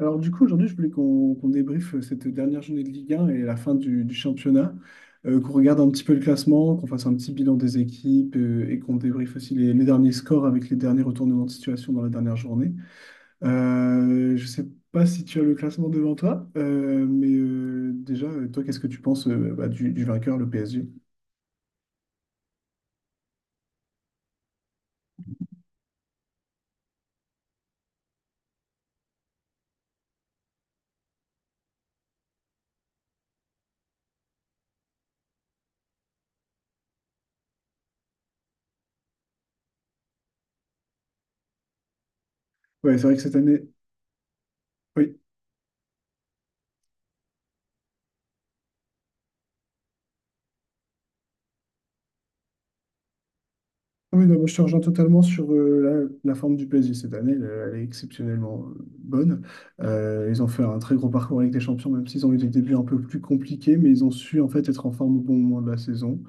Alors du coup, aujourd'hui, je voulais qu'on débriefe cette dernière journée de Ligue 1 et la fin du championnat, qu'on regarde un petit peu le classement, qu'on fasse un petit bilan des équipes et qu'on débriefe aussi les derniers scores avec les derniers retournements de situation dans la dernière journée. Je ne sais pas si tu as le classement devant toi, mais déjà, toi, qu'est-ce que tu penses bah, du vainqueur, le PSG? Ouais, c'est vrai que cette année. Oui. Ah oui, non, moi, je te rejoins totalement sur la forme du PSG cette année. Elle, elle est exceptionnellement bonne. Ils ont fait un très gros parcours avec les champions, même s'ils ont eu des débuts un peu plus compliqués, mais ils ont su en fait être en forme au bon moment de la saison.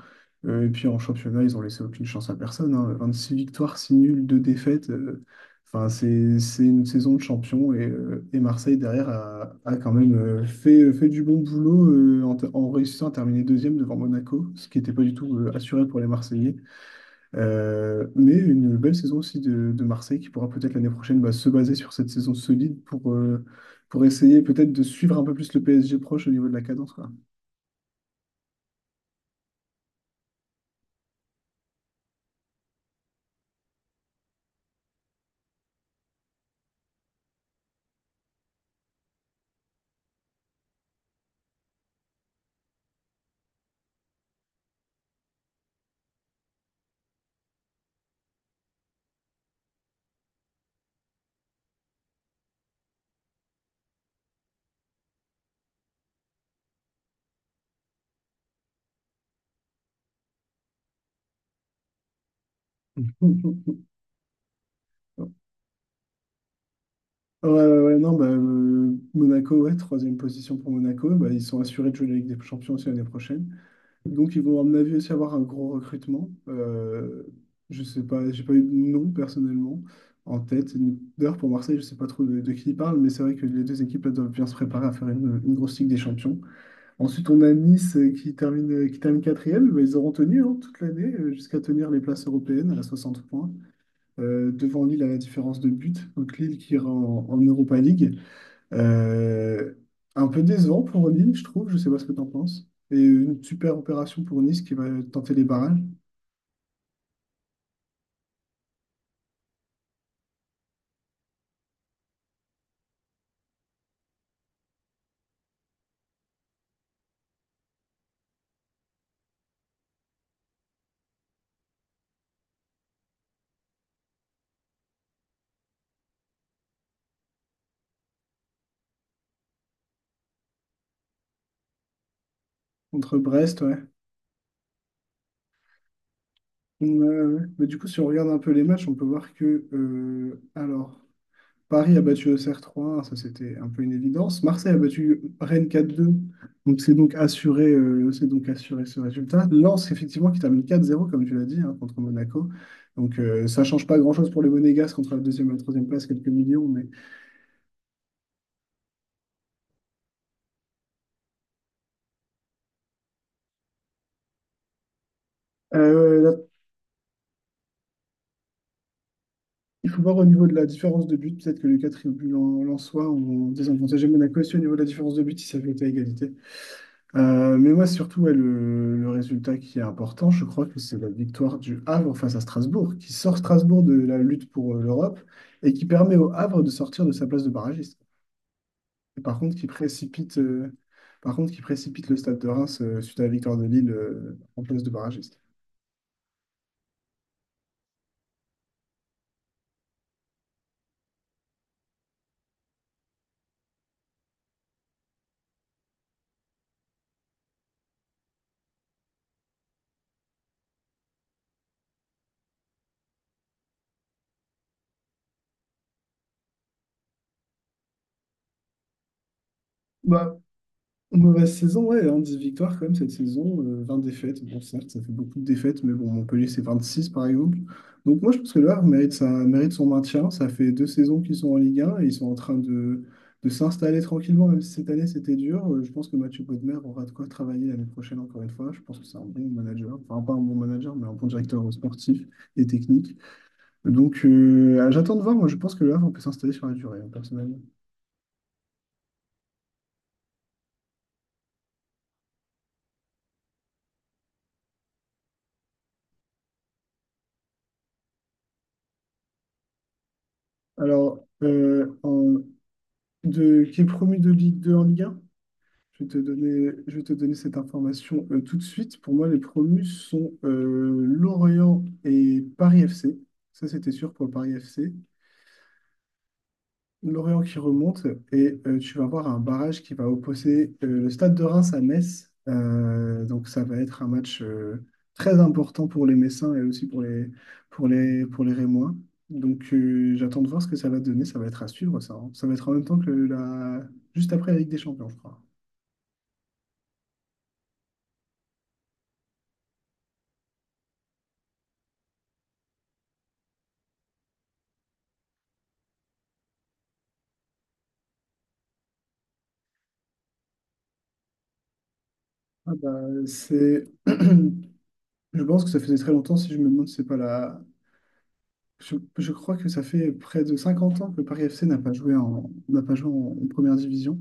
Et puis en championnat, ils ont laissé aucune chance à personne, hein. Six victoires, 6 nuls, 2 défaites. Enfin, c'est une saison de champion. Et Marseille, derrière, a quand même fait du bon boulot en réussissant à terminer deuxième devant Monaco, ce qui n'était pas du tout assuré pour les Marseillais. Mais une belle saison aussi de Marseille qui pourra peut-être l'année prochaine bah, se baser sur cette saison solide pour essayer peut-être de suivre un peu plus le PSG proche au niveau de la cadence, quoi. Ouais, ouais, ouais, non, bah, Monaco, ouais, troisième position pour Monaco. Bah, ils sont assurés de jouer la Ligue des Champions aussi l'année prochaine. Donc, ils vont, à mon avis, aussi avoir un gros recrutement. Je sais pas, j'ai pas eu de nom personnellement en tête. D'ailleurs, pour Marseille, je sais pas trop de qui il parle, mais c'est vrai que les deux équipes elles doivent bien se préparer à faire une grosse Ligue des Champions. Ensuite, on a Nice qui termine quatrième. Bah, ils auront tenu, hein, toute l'année jusqu'à tenir les places européennes à 60 points. Devant Lille à la différence de but. Donc, Lille qui ira en Europa League. Euh, un peu décevant pour Lille, je trouve. Je sais pas ce que tu en penses. Et une super opération pour Nice qui va tenter les barrages contre Brest, ouais. Ouais, ouais. Mais du coup, si on regarde un peu les matchs, on peut voir que, alors, Paris a battu Auxerre 3-1, ça c'était un peu une évidence. Marseille a battu Rennes 4-2, donc c'est donc assuré ce résultat. Lens, effectivement, qui termine 4-0 comme tu l'as dit, hein, contre Monaco. Donc ça change pas grand-chose pour les Monégasques contre la deuxième et la troisième place, quelques millions. Mais là, il faut voir au niveau de la différence de but, peut-être que le quatre but en soit, on désavantage Monaco aussi au niveau de la différence de but, si ça avait été à égalité. Mais moi, surtout, ouais, le résultat qui est important, je crois que c'est la victoire du Havre face à Strasbourg, qui sort Strasbourg de la lutte pour l'Europe et qui permet au Havre de sortir de sa place de barragiste. Et par contre, qui précipite, euh, par contre, qui précipite le Stade de Reims suite à la victoire de Lille en place de barragiste. Bah, mauvaise saison, ouais, hein, 10 victoires quand même cette saison, 20 défaites. Bon, certes, ça fait beaucoup de défaites, mais bon, Montpellier, c'est 26 par exemple. Donc moi, je pense que le Havre mérite son maintien. Ça fait deux saisons qu'ils sont en Ligue 1 et ils sont en train de s'installer tranquillement, même si cette année c'était dur. Je pense que Mathieu Bodmer aura de quoi travailler l'année prochaine encore une fois. Je pense que c'est un bon manager, enfin pas un bon manager, mais un bon directeur sportif et technique. Donc j'attends de voir, moi je pense que le Havre peut s'installer sur la durée, hein, personnellement. Alors, euh, en- qui est promu de Ligue 2 en Ligue 1? Je vais te donner cette information tout de suite. Pour moi, les promus sont Lorient et Paris FC. Ça, c'était sûr pour le Paris FC. L'Orient qui remonte et tu vas avoir un barrage qui va opposer le Stade de Reims à Metz. Donc ça va être un match très important pour les Messins et aussi pour les Rémois. Donc j'attends de voir ce que ça va donner. Ça va être à suivre ça, hein. Ça va être en même temps que la... juste après la Ligue des Champions, je crois. Ah bah, c'est... Je pense que ça faisait très longtemps, si je me demande, si c'est pas la, je crois que ça fait près de 50 ans que Paris FC n'a pas joué en, n'a pas joué en, en première division.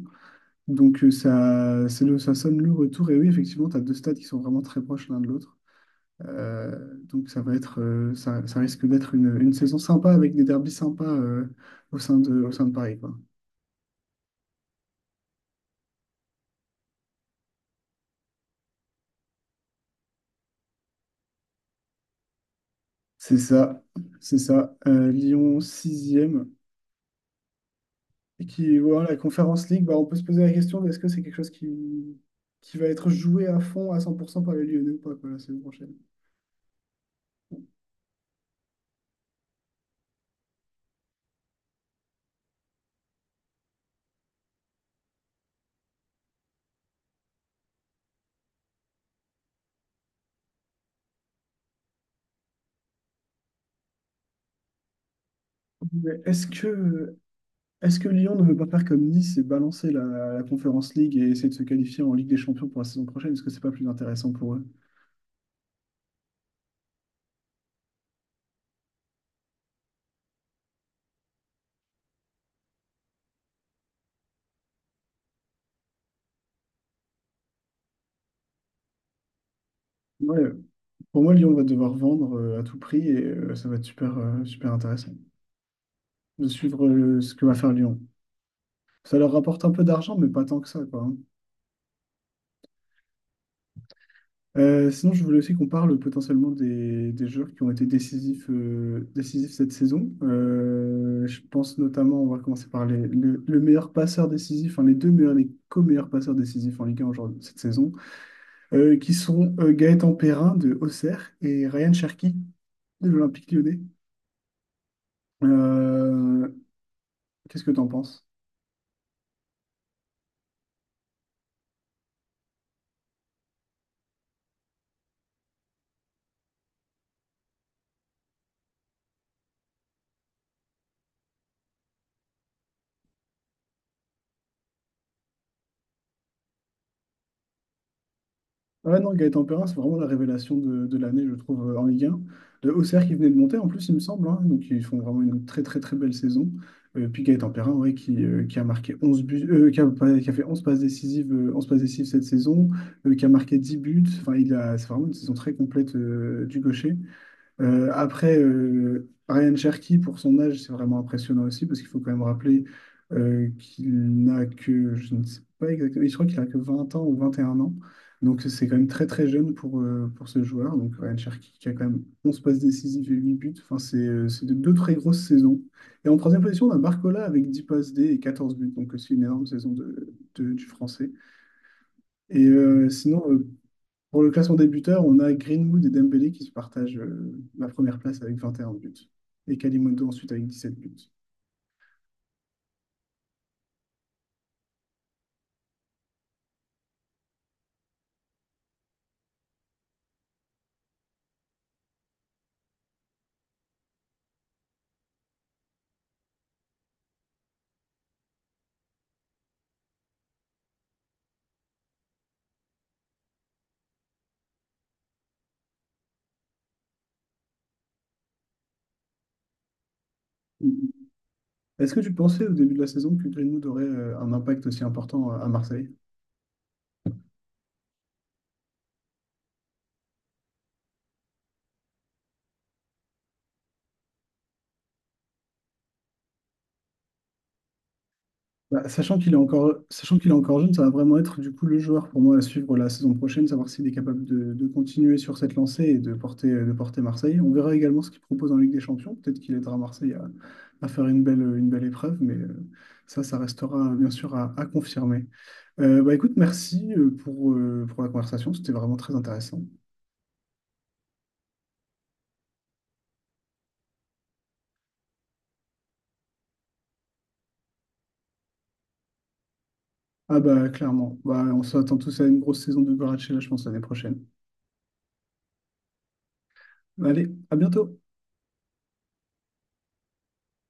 Donc ça sonne le retour. Et oui, effectivement, tu as deux stades qui sont vraiment très proches l'un de l'autre. Donc ça va être, ça, ça risque d'être une saison sympa avec des derbys sympas au sein de Paris, quoi. C'est ça, c'est ça. Lyon sixième. Et qui, voilà, la Conférence League, bah, on peut se poser la question de est-ce que c'est quelque chose qui va être joué à fond, à 100% par les Lyonnais ou pas, quoi, la saison prochaine. Mais est-ce que Lyon ne veut pas faire comme Nice et balancer la Conference League et essayer de se qualifier en Ligue des Champions pour la saison prochaine? Est-ce que c'est pas plus intéressant pour eux? Ouais, pour moi, Lyon va devoir vendre à tout prix et ça va être super intéressant de suivre ce que va faire Lyon. Ça leur rapporte un peu d'argent, mais pas tant que ça, quoi, hein. Sinon, je voulais aussi qu'on parle potentiellement des joueurs qui ont été décisifs, décisifs cette saison. Je pense notamment, on va commencer par le meilleur passeur décisif, enfin les deux meilleurs, les co-meilleurs passeurs décisifs en Ligue 1 aujourd'hui, cette saison, qui sont Gaëtan Perrin de Auxerre et Ryan Cherki de l'Olympique Lyonnais. Euh, Qu'est-ce que tu en penses? Ouais, non, Gaëtan Perrin, c'est vraiment la révélation de l'année, je trouve, en Ligue 1. Le OCR qui venait de monter, en plus, il me semble, hein. Donc, ils font vraiment une très, très, très belle saison. Puis Gaëtan Perrin, ouais, qui a marqué 11 buts, qui a, pas- qui a fait 11 passes décisives, 11 passes décisives cette saison, qui a marqué 10 buts. Enfin, c'est vraiment une saison très complète du gaucher. Après, Ryan Cherky, pour son âge, c'est vraiment impressionnant aussi, parce qu'il faut quand même rappeler qu'il n'a que, je ne sais pas exactement, je crois qu'il a que 20 ans ou 21 ans. Donc c'est quand même très très jeune pour ce joueur. Donc Ryan Cherky qui a quand même 11 passes décisives et 8 buts. Enfin, c'est de deux très grosses saisons. Et en troisième position, on a Barcola avec 10 passes D et 14 buts. Donc aussi une énorme saison du Français. Sinon, pour le classement débuteur, on a Greenwood et Dembélé qui se partagent la première place avec 21 buts. Et Kalimondo ensuite avec 17 buts. Mhm. Est-ce que tu pensais au début de la saison que Greenwood aurait un impact aussi important à Marseille? Bah, sachant qu'il est encore jeune, ça va vraiment être du coup le joueur pour moi à suivre la saison prochaine, savoir s'il est capable de continuer sur cette lancée et de porter Marseille. On verra également ce qu'il propose en Ligue des Champions. Peut-être qu'il aidera Marseille à faire une belle épreuve, mais ça, restera bien sûr à confirmer. Bah écoute, merci pour la conversation, c'était vraiment très intéressant. Ah bah clairement, bah, on s'attend tous à une grosse saison de Goratchela, je pense, l'année prochaine. Allez, à bientôt!